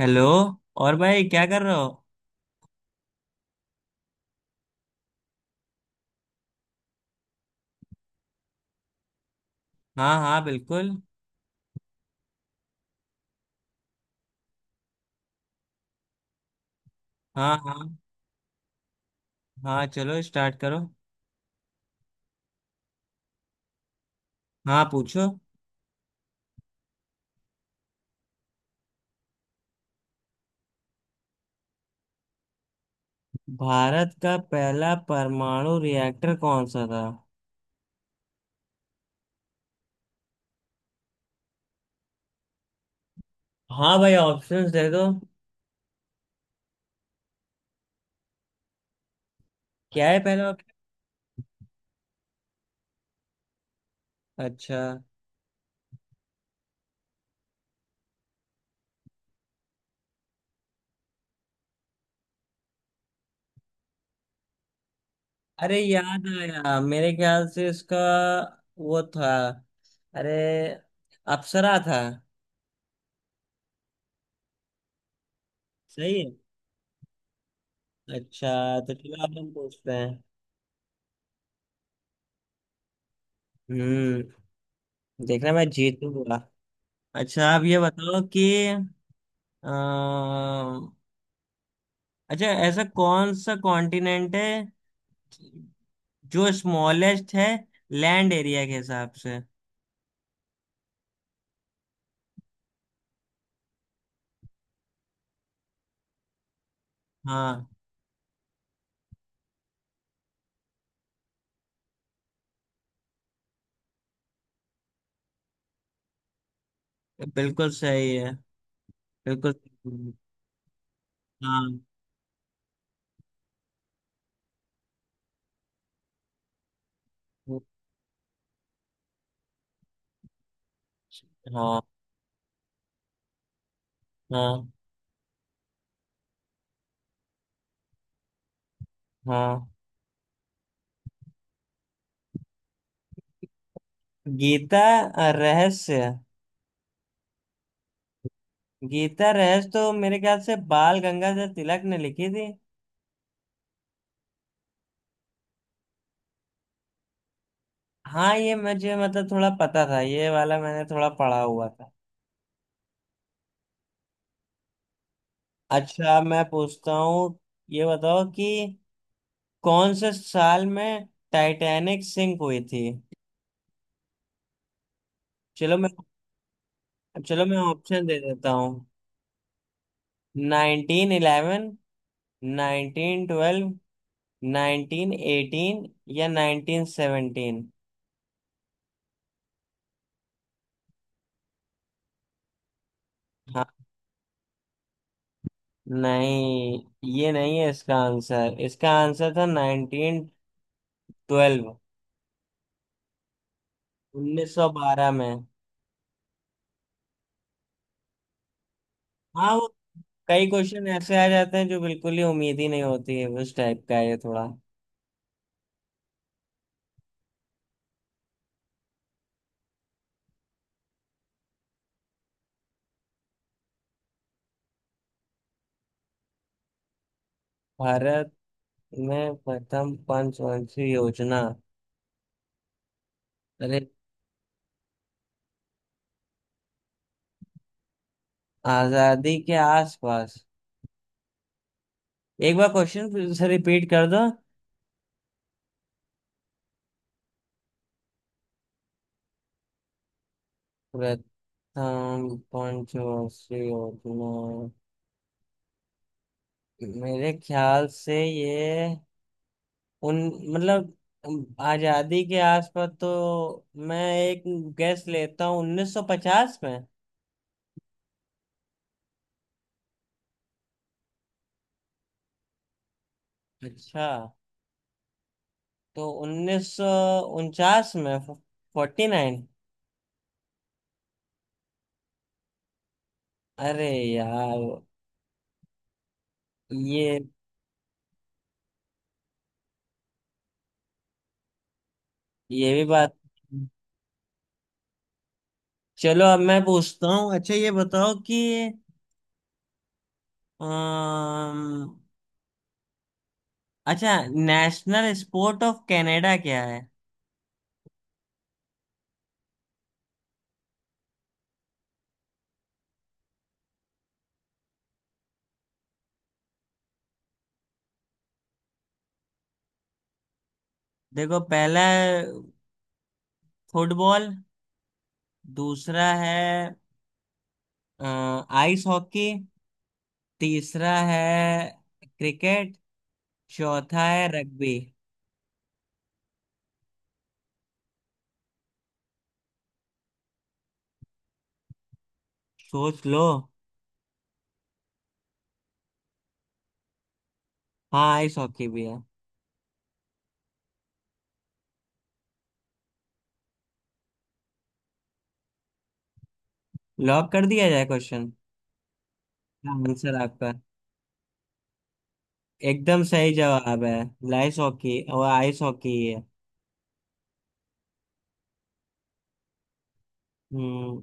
Hello. और भाई क्या कर रहे हो? हाँ हाँ बिल्कुल। हाँ हाँ। हाँ चलो स्टार्ट करो। हाँ पूछो। भारत का पहला परमाणु रिएक्टर कौन सा था? हाँ भाई ऑप्शंस दे दो। क्या है पहला ऑप्शन? अच्छा। अरे याद आया मेरे ख्याल से इसका वो था। अरे अप्सरा था। सही है। अच्छा तो चलो अब हम पूछते हैं। हम्म। देखना मैं जीतूंगा। अच्छा आप ये बताओ कि अम्म, अच्छा ऐसा कौन सा कॉन्टिनेंट है जो स्मॉलेस्ट है लैंड एरिया के हिसाब से? हाँ बिल्कुल सही है। बिल्कुल सही है। हाँ हाँ हाँ हाँ। गीता रहस्य। गीता रहस्य तो मेरे ख्याल से बाल गंगाधर तिलक ने लिखी थी। हाँ ये मुझे मतलब थोड़ा पता था। ये वाला मैंने थोड़ा पढ़ा हुआ था। अच्छा मैं पूछता हूँ। ये बताओ कि कौन से साल में टाइटैनिक सिंक हुई थी? चलो मैं चलो मैं ऑप्शन दे देता हूँ। 1911, 1912, 1918 या 1917। हाँ। नहीं। ये नहीं है इसका आंसर। इसका आंसर था 1912। 1912 में। हाँ वो कई क्वेश्चन ऐसे आ जाते हैं जो बिल्कुल ही उम्मीद ही नहीं होती है। उस टाइप का है ये थोड़ा। भारत में प्रथम पंचवंशी योजना। अरे। आजादी के आसपास। एक बार क्वेश्चन फिर से रिपीट कर दो। प्रथम पंचवर्षीय योजना मेरे ख्याल से ये उन मतलब आजादी के आसपास तो मैं एक गैस लेता हूँ 1950 में। अच्छा तो 1949 में। 49। अरे यार। ये ये भी बात। चलो अब मैं पूछता हूँ। अच्छा ये बताओ कि अम्म, अच्छा नेशनल स्पोर्ट ऑफ कनाडा क्या है? देखो पहला है फुटबॉल। दूसरा है अ, आइस हॉकी। तीसरा है क्रिकेट। चौथा है रग्बी। सोच लो। हाँ आइस हॉकी भी है। लॉक कर दिया जाए क्वेश्चन। हाँ, आंसर आपका एकदम सही जवाब है। आइस हॉकी और आइस हॉकी ही है। हम्म।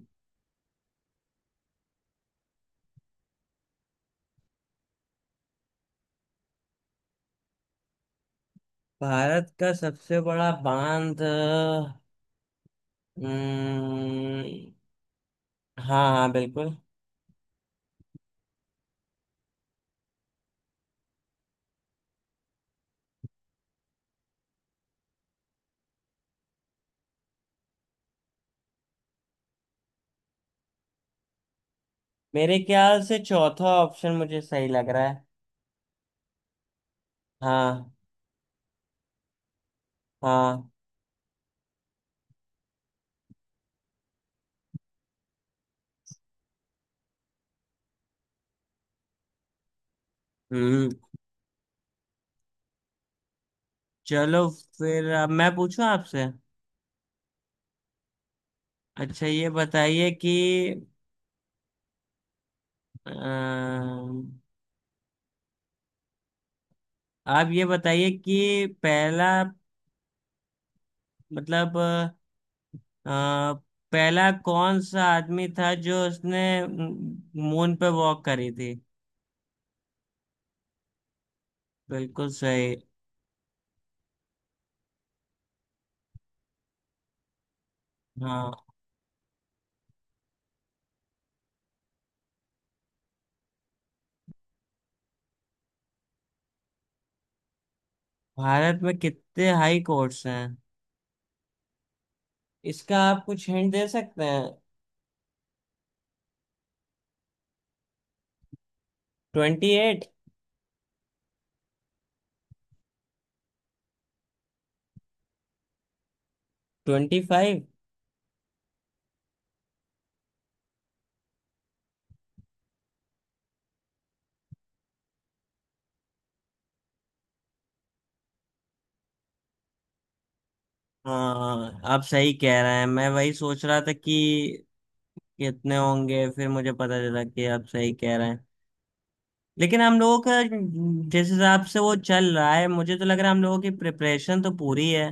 भारत का सबसे बड़ा बांध। हम्म, हाँ हाँ बिल्कुल। मेरे ख्याल से चौथा ऑप्शन मुझे सही लग रहा है। हाँ। हाँ। हम्म। चलो फिर अब मैं पूछूं आपसे। अच्छा ये बताइए कि अम, आप ये बताइए कि पहला मतलब अ, पहला कौन सा आदमी था जो उसने मून पे वॉक करी थी? बिल्कुल सही। हाँ। भारत में कितने हाई कोर्ट्स हैं? इसका आप कुछ हिंट दे सकते हैं? 28। 25। हाँ आप सही कह रहे हैं। मैं वही सोच रहा था कि कितने होंगे। फिर मुझे पता चला कि आप सही कह रहे हैं। लेकिन हम लोगों का जिस हिसाब से वो चल रहा है मुझे तो लग रहा है हम लोगों की प्रिपरेशन तो पूरी है।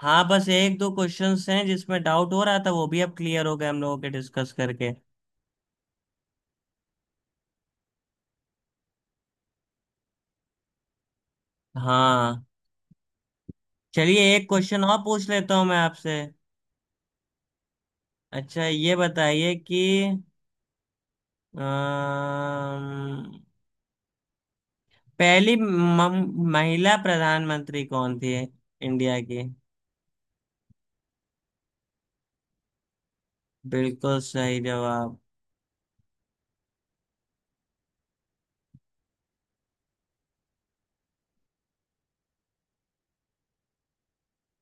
हाँ बस एक दो क्वेश्चंस हैं जिसमें डाउट हो रहा था वो भी अब क्लियर हो गए हम लोगों के डिस्कस करके। हाँ। चलिए एक क्वेश्चन और पूछ लेता हूँ मैं आपसे। अच्छा ये बताइए कि अम्म, पहली महिला प्रधानमंत्री कौन थी? इंडिया की। बिल्कुल सही जवाब।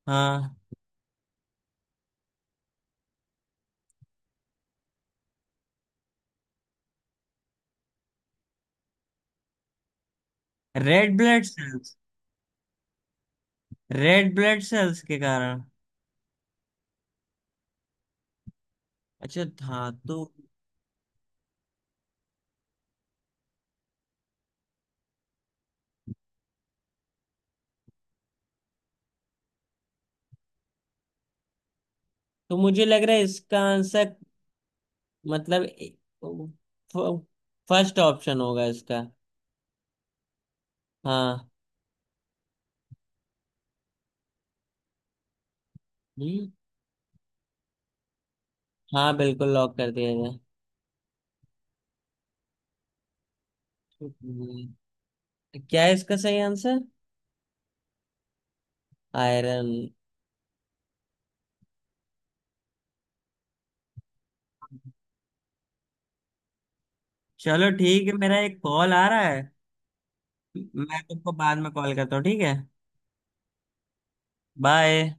हाँ। Red blood cells. Red blood cells के कारण। अच्छा धातु। तो मुझे लग रहा है इसका आंसर मतलब फर्स्ट ऑप्शन होगा इसका। हाँ। हम्म। हाँ बिल्कुल लॉक कर दिया जाए। हम्म। क्या है इसका सही आंसर? आयरन। चलो ठीक है मेरा एक कॉल आ रहा है। मैं तुमको बाद में कॉल करता हूँ, ठीक है? बाय।